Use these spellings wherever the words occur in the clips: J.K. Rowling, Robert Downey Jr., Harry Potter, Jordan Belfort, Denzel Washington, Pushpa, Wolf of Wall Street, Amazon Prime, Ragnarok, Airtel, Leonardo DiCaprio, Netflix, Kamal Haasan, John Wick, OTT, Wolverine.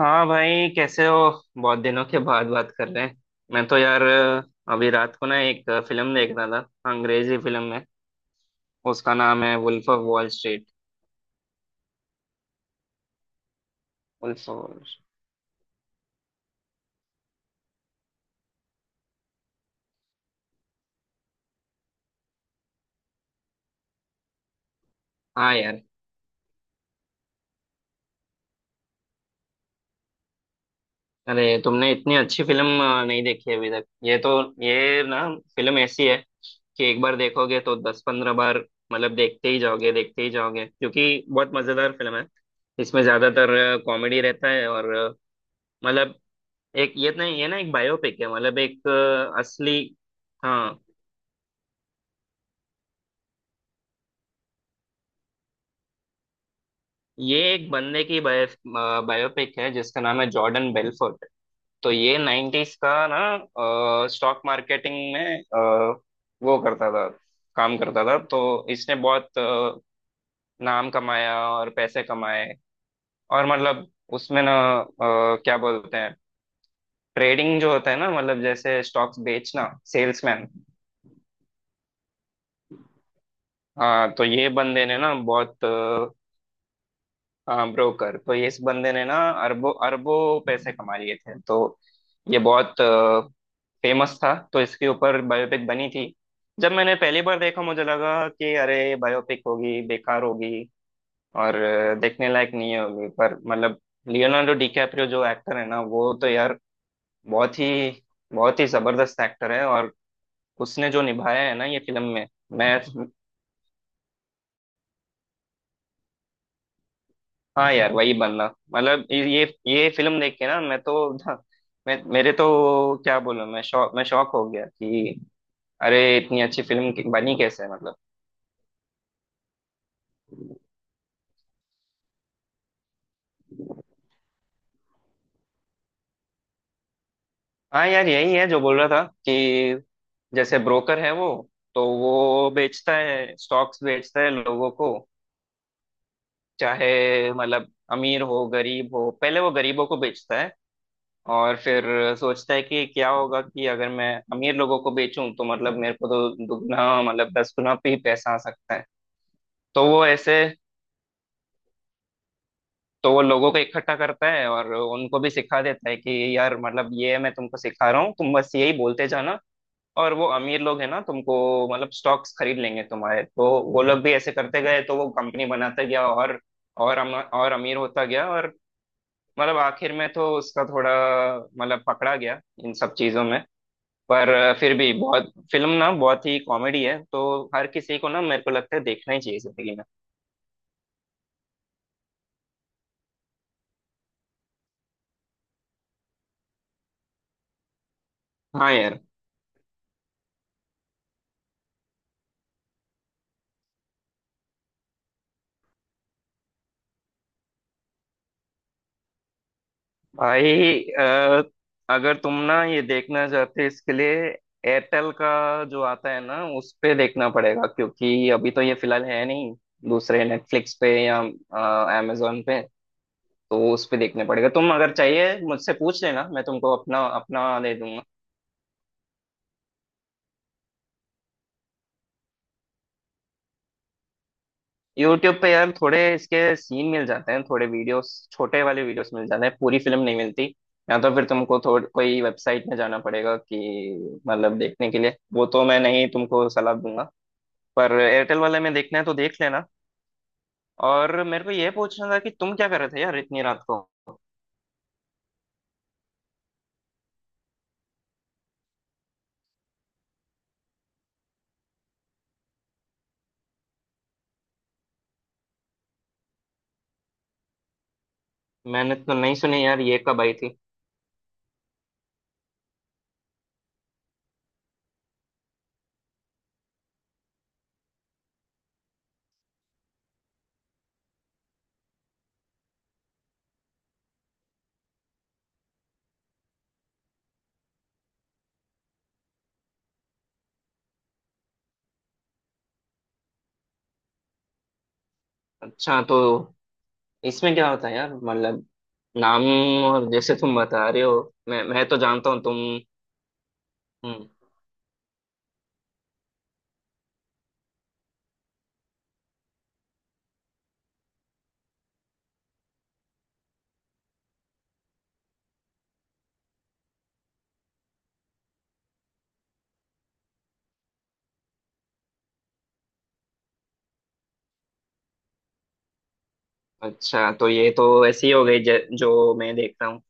हाँ भाई कैसे हो। बहुत दिनों के बाद बात कर रहे हैं। मैं तो यार अभी रात को ना एक फिल्म देख रहा था, अंग्रेजी फिल्म है। उसका नाम है wolf of wall street. Wolf of wall street. हाँ यार, अरे तुमने इतनी अच्छी फिल्म नहीं देखी अभी तक? ये तो, ये ना, फिल्म ऐसी है कि एक बार देखोगे तो 10 15 बार मतलब देखते ही जाओगे, देखते ही जाओगे क्योंकि बहुत मजेदार फिल्म है। इसमें ज्यादातर कॉमेडी रहता है और मतलब एक ये तो नहीं, ये ना एक बायोपिक है, मतलब एक असली। हाँ, ये एक बंदे की बायोपिक है जिसका नाम है जॉर्डन बेलफोर्ट। तो ये नाइन्टीज का ना स्टॉक मार्केटिंग में वो करता था, काम करता था। तो इसने बहुत नाम कमाया और पैसे कमाए और मतलब उसमें ना अ, क्या बोलते हैं, ट्रेडिंग जो होता है ना, मतलब जैसे स्टॉक्स बेचना, सेल्समैन। हाँ तो ये बंदे ने ना बहुत, हाँ ब्रोकर, तो ये इस बंदे ने ना अरबों अरबों पैसे कमा लिए थे। तो ये बहुत फेमस था तो इसके ऊपर बायोपिक बनी थी। जब मैंने पहली बार देखा मुझे लगा कि अरे बायोपिक होगी, बेकार होगी और देखने लायक नहीं होगी, पर मतलब लियोनार्डो डिकैप्रियो जो एक्टर है ना, वो तो यार बहुत ही, बहुत ही जबरदस्त एक्टर है। और उसने जो निभाया है ना ये फिल्म में, मैं, हाँ यार वही बनना, मतलब ये ये फिल्म देख के ना, मैं तो मैं मेरे तो क्या बोलूं, मैं शौक, मैं शौक हो गया कि अरे इतनी अच्छी फिल्म बनी कैसे, मतलब। हाँ यार, यही है जो बोल रहा था कि जैसे ब्रोकर है वो, तो वो बेचता है, स्टॉक्स बेचता है लोगों को। चाहे मतलब अमीर हो गरीब हो, पहले वो गरीबों को बेचता है और फिर सोचता है कि क्या होगा कि अगर मैं अमीर लोगों को बेचूं तो मतलब मेरे को तो दुगना, मतलब दस गुना भी पैसा आ सकता है। तो वो ऐसे, तो वो लोगों को इकट्ठा करता है और उनको भी सिखा देता है कि यार मतलब ये मैं तुमको सिखा रहा हूँ, तुम बस यही बोलते जाना और वो अमीर लोग हैं ना तुमको मतलब स्टॉक्स खरीद लेंगे तुम्हारे। तो वो लोग भी ऐसे करते गए, तो वो कंपनी बनाता गया और और अमीर होता गया और मतलब आखिर में तो उसका थोड़ा, मतलब पकड़ा गया इन सब चीजों में। पर फिर भी बहुत, फिल्म ना बहुत ही कॉमेडी है तो हर किसी को ना मेरे को लगता है देखना ही चाहिए जिंदगी में। हाँ यार, भाई अगर तुम ना ये देखना चाहते हो, इसके लिए एयरटेल का जो आता है ना उस पे देखना पड़ेगा क्योंकि अभी तो ये फिलहाल है नहीं दूसरे नेटफ्लिक्स पे या अमेजोन पे। तो उस पे देखने पड़ेगा। तुम अगर चाहिए मुझसे पूछ लेना, मैं तुमको अपना अपना दे दूंगा। यूट्यूब पे यार थोड़े इसके सीन मिल जाते हैं, थोड़े वीडियोस, छोटे वाले वीडियोस मिल जाते हैं, पूरी फिल्म नहीं मिलती। या तो फिर तुमको थोड़ कोई वेबसाइट में जाना पड़ेगा कि मतलब देखने के लिए, वो तो मैं नहीं तुमको सलाह दूंगा। पर एयरटेल वाले में देखना है तो देख लेना। और मेरे को ये पूछना था कि तुम क्या कर रहे थे यार इतनी रात को। मैंने तो नहीं सुनी यार, ये कब आई थी? अच्छा तो इसमें क्या होता है यार, मतलब नाम, और जैसे तुम बता रहे हो, मैं तो जानता हूँ तुम। हम्म, अच्छा तो ये तो ऐसी हो गई जो मैं देख रहा हूँ।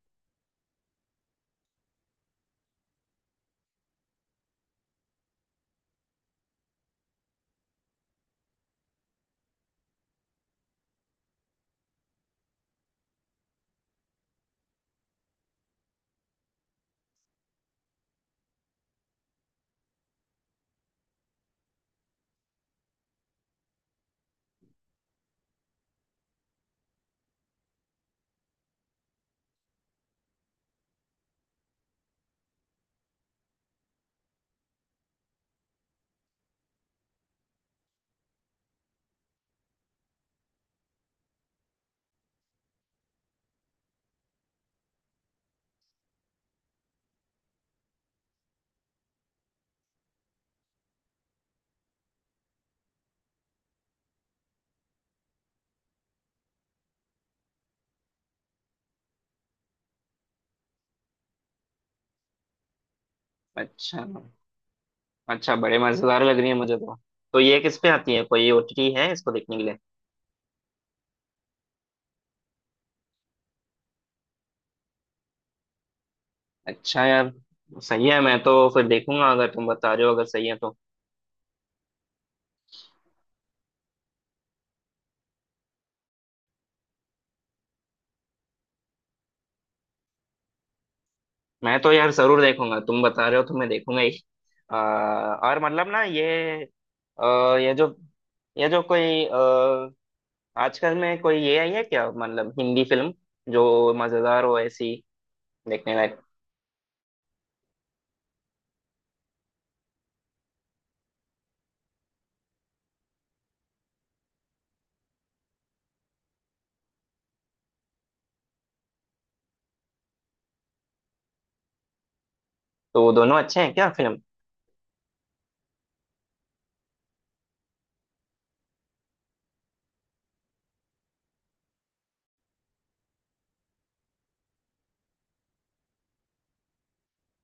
अच्छा अच्छा, बड़े मजेदार लग रही है मुझे तो। तो ये किस पे आती है, कोई ओटीटी है इसको देखने के लिए? अच्छा यार, सही है, मैं तो फिर देखूंगा अगर तुम बता रहे हो, अगर सही है तो। मैं तो यार जरूर देखूंगा, तुम बता रहे हो तो मैं देखूंगा ही। आ, और मतलब ना ये ये जो, ये जो कोई आजकल में कोई ये आई है क्या, मतलब हिंदी फिल्म जो मजेदार हो ऐसी, देखने लायक? तो वो दोनों अच्छे हैं क्या फिल्म?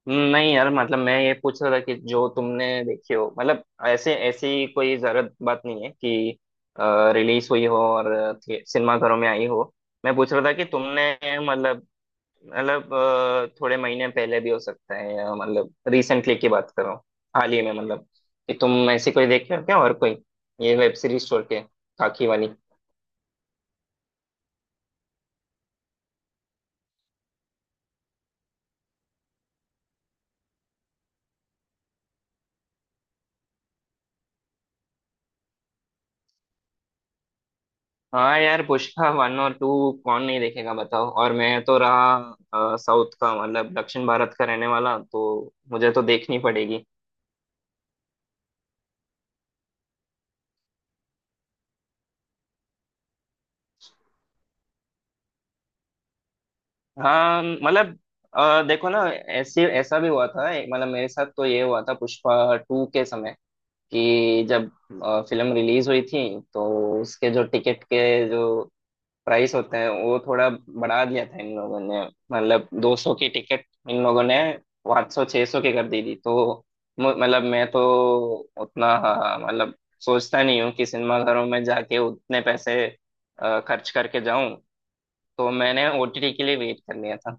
नहीं यार, मतलब मैं ये पूछ रहा था कि जो तुमने देखी हो, मतलब ऐसे ऐसी कोई जरूरत बात नहीं है कि रिलीज हुई हो और सिनेमाघरों में आई हो। मैं पूछ रहा था कि तुमने मतलब, मतलब थोड़े महीने पहले भी हो सकता है या मतलब रिसेंटली की बात करो, हाल ही में मतलब, कि तुम ऐसी कोई देखे हो क्या और कोई, ये वेब सीरीज छोड़ के, काकी वाली। हाँ यार पुष्पा वन और टू कौन नहीं देखेगा बताओ। और मैं तो रहा साउथ का, मतलब दक्षिण भारत का रहने वाला, तो मुझे तो देखनी पड़ेगी। हाँ मतलब देखो ना, ऐसे ऐसा भी हुआ था मतलब मेरे साथ तो ये हुआ था पुष्पा टू के समय कि जब फिल्म रिलीज हुई थी, तो उसके जो टिकट के जो प्राइस होते हैं वो थोड़ा बढ़ा दिया था इन लोगों ने, मतलब 200 की टिकट इन लोगों ने 500 600 की कर दी थी। तो मतलब मैं तो उतना, हाँ, मतलब सोचता नहीं हूँ कि सिनेमाघरों में जाके उतने पैसे खर्च करके जाऊं। तो मैंने ओटीटी के लिए वेट कर लिया था।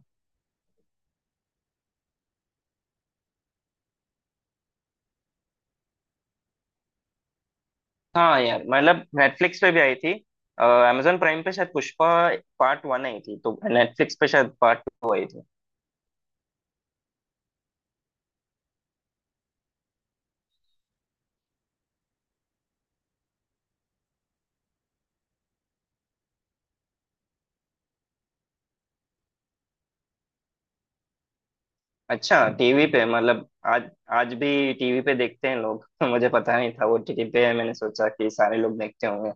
हाँ यार, मतलब नेटफ्लिक्स पे भी आई थी, अमेजोन प्राइम पे शायद पुष्पा पार्ट वन आई थी, तो नेटफ्लिक्स पे शायद पार्ट टू आई थी। अच्छा टीवी पे, मतलब आज, आज भी टीवी पे देखते हैं लोग? मुझे पता नहीं था वो टीवी पे है, मैंने सोचा कि सारे लोग देखते होंगे।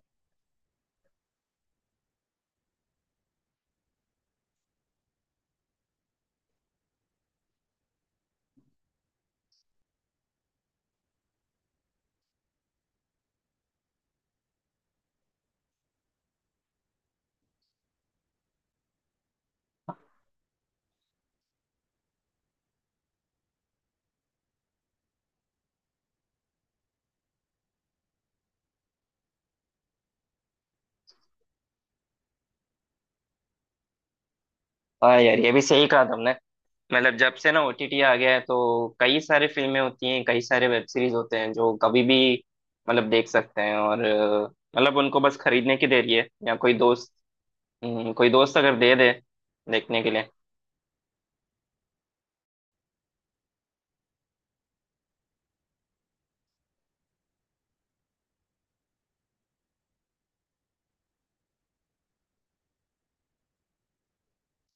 हाँ यार, ये भी सही कहा तुमने। मतलब जब से ना ओटीटी आ गया है तो कई सारे फिल्में होती हैं, कई सारे वेब सीरीज होते हैं जो कभी भी मतलब देख सकते हैं और मतलब उनको बस खरीदने की देरी है या कोई दोस्त, कोई दोस्त अगर दे दे देखने के लिए।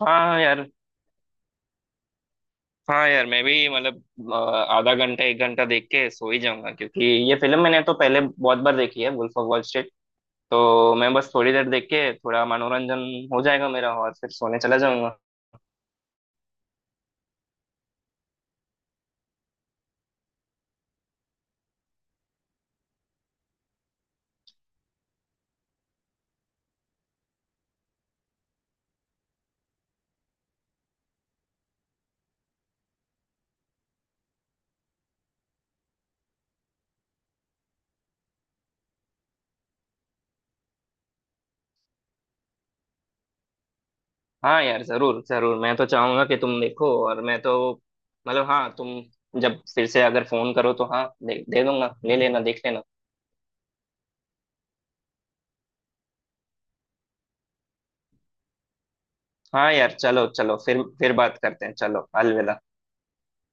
हाँ यार, हाँ यार मैं भी मतलब अ, आधा घंटा 1 घंटा देख के सो ही जाऊंगा क्योंकि ये फिल्म मैंने तो पहले बहुत बार देखी है, वुल्फ ऑफ वॉल स्ट्रीट। तो मैं बस थोड़ी देर देख के थोड़ा मनोरंजन हो जाएगा मेरा और फिर सोने चला जाऊंगा। हाँ यार जरूर जरूर, मैं तो चाहूंगा कि तुम देखो, और मैं तो, मतलब हाँ तुम जब फिर से अगर फोन करो तो हाँ दे दूंगा, ले लेना, देख लेना। हाँ यार, चलो चलो, फिर बात करते हैं, चलो अलविदा।